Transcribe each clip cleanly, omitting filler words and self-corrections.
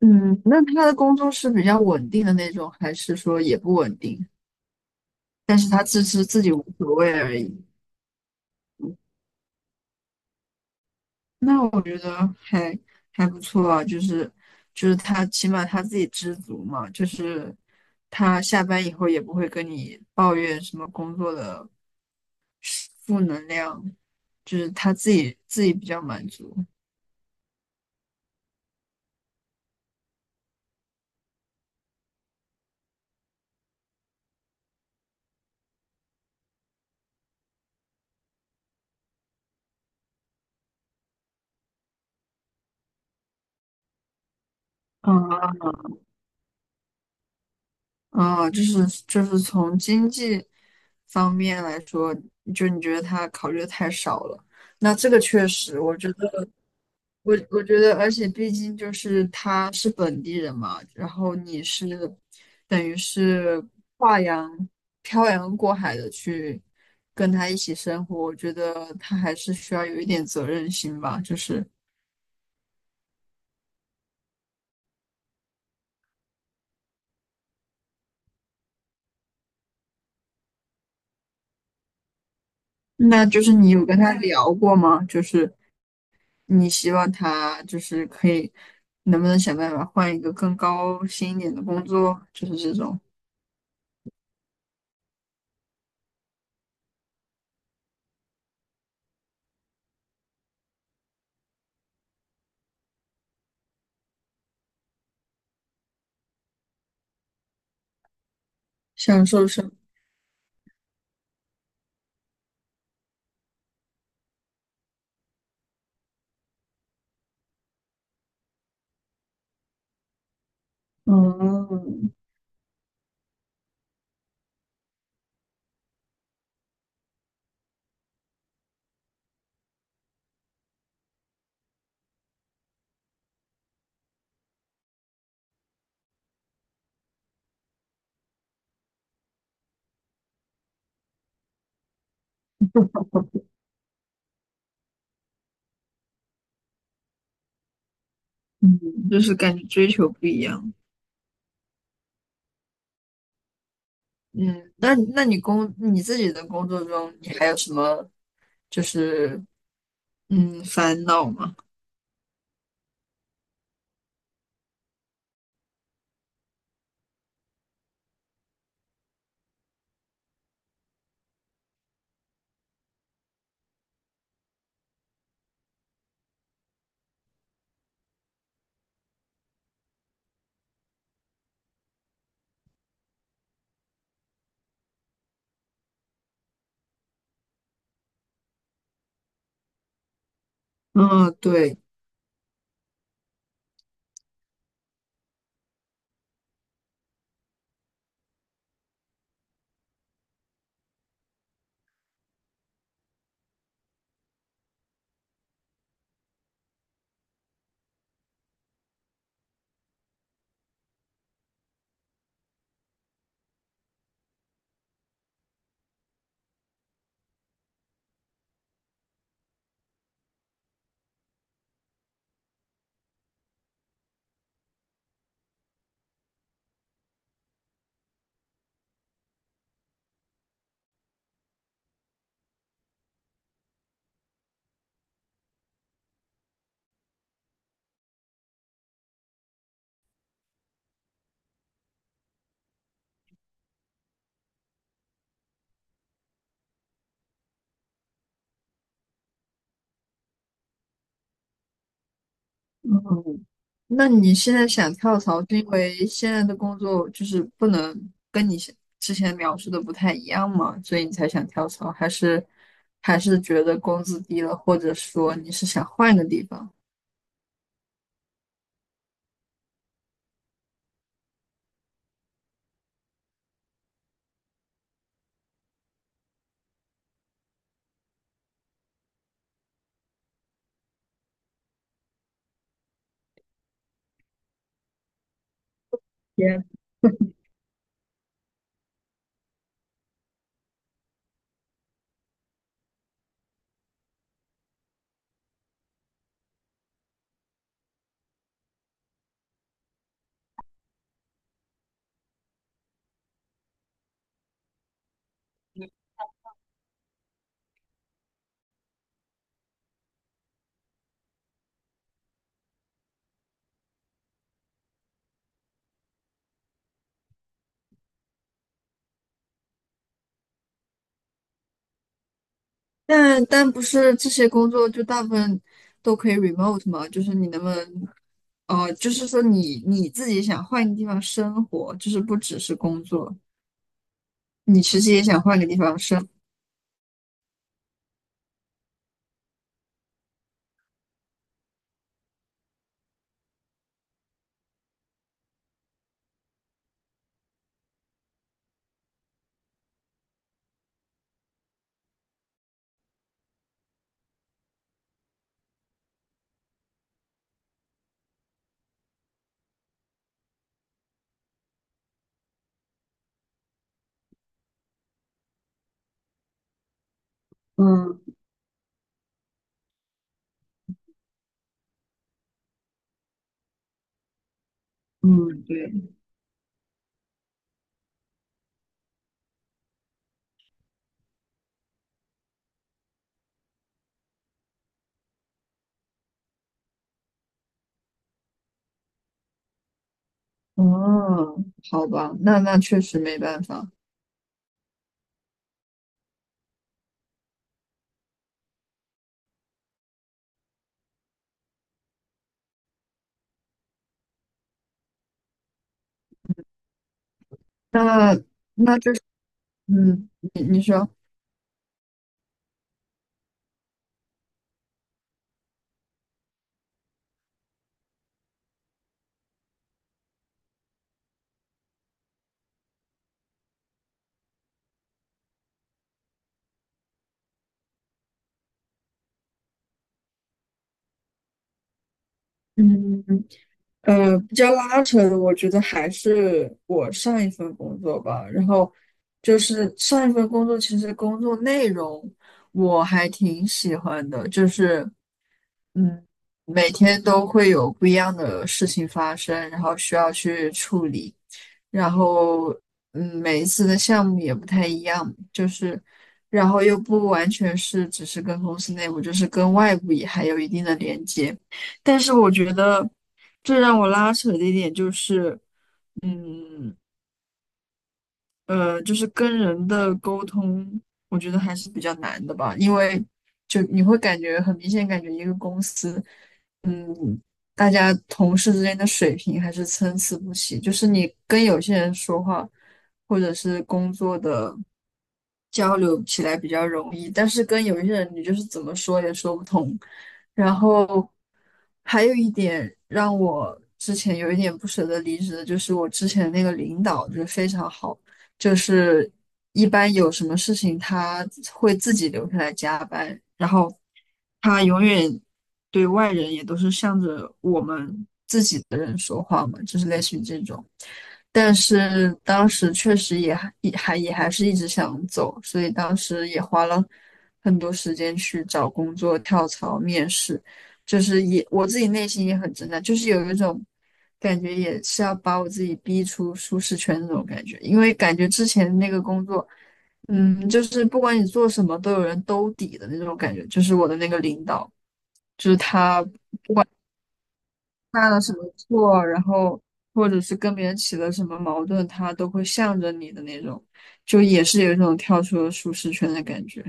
嗯，那他的工作是比较稳定的那种，还是说也不稳定？但是他自知自己无所谓而已。那我觉得还不错啊，就是他起码他自己知足嘛，就是他下班以后也不会跟你抱怨什么工作的负能量，就是他自己比较满足。嗯，啊，就是从经济方面来说，就你觉得他考虑的太少了。那这个确实，我觉得，我觉得，而且毕竟就是他是本地人嘛，然后你是等于是跨洋漂洋过海的去跟他一起生活，我觉得他还是需要有一点责任心吧。就是，那就是你有跟他聊过吗？就是你希望他就是可以，能不能想办法换一个更高薪一点的工作，就是这种享受生，嗯嗯，就是感觉追求不一样。嗯，那你自己的工作中，你还有什么就是烦恼吗？嗯，对。那你现在想跳槽，是因为现在的工作就是不能跟你之前描述的不太一样吗？所以你才想跳槽，还是觉得工资低了，或者说你是想换个地方？也，但不是这些工作就大部分都可以 remote 吗？就是你能不能，就是说你自己想换个地方生活，就是不只是工作，你其实也想换个地方生。嗯嗯，对。嗯，好吧，那确实没办法。嗯，你说，嗯，比较拉扯的，我觉得还是我上一份工作吧。然后就是上一份工作，其实工作内容我还挺喜欢的，就是嗯，每天都会有不一样的事情发生，然后需要去处理。然后每一次的项目也不太一样，就是然后又不完全是只是跟公司内部，就是跟外部也还有一定的连接。但是我觉得最让我拉扯的一点就是，嗯就是跟人的沟通，我觉得还是比较难的吧，因为就你会感觉很明显，感觉一个公司。大家同事之间的水平还是参差不齐，就是你跟有些人说话，或者是工作的交流起来比较容易，但是跟有一些人你就是怎么说也说不通。然后还有一点让我之前有一点不舍得离职的，就是我之前那个领导就是非常好。就是一般有什么事情他会自己留下来加班，然后他永远对外人也都是向着我们自己的人说话嘛，就是类似于这种。但是当时确实也还是一直想走，所以当时也花了很多时间去找工作、跳槽、面试。就是也我自己内心也很挣扎，就是有一种感觉，也是要把我自己逼出舒适圈那种感觉。因为感觉之前那个工作，就是不管你做什么，都有人兜底的那种感觉。就是我的那个领导，就是他犯了什么错，然后或者是跟别人起了什么矛盾，他都会向着你的那种，就也是有一种跳出了舒适圈的感觉。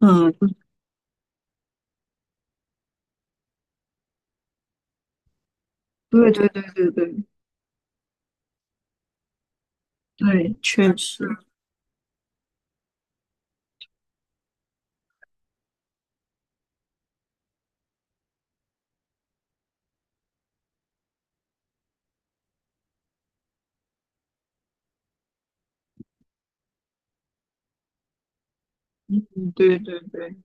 嗯，对对对对对对，确实，嗯，对对对。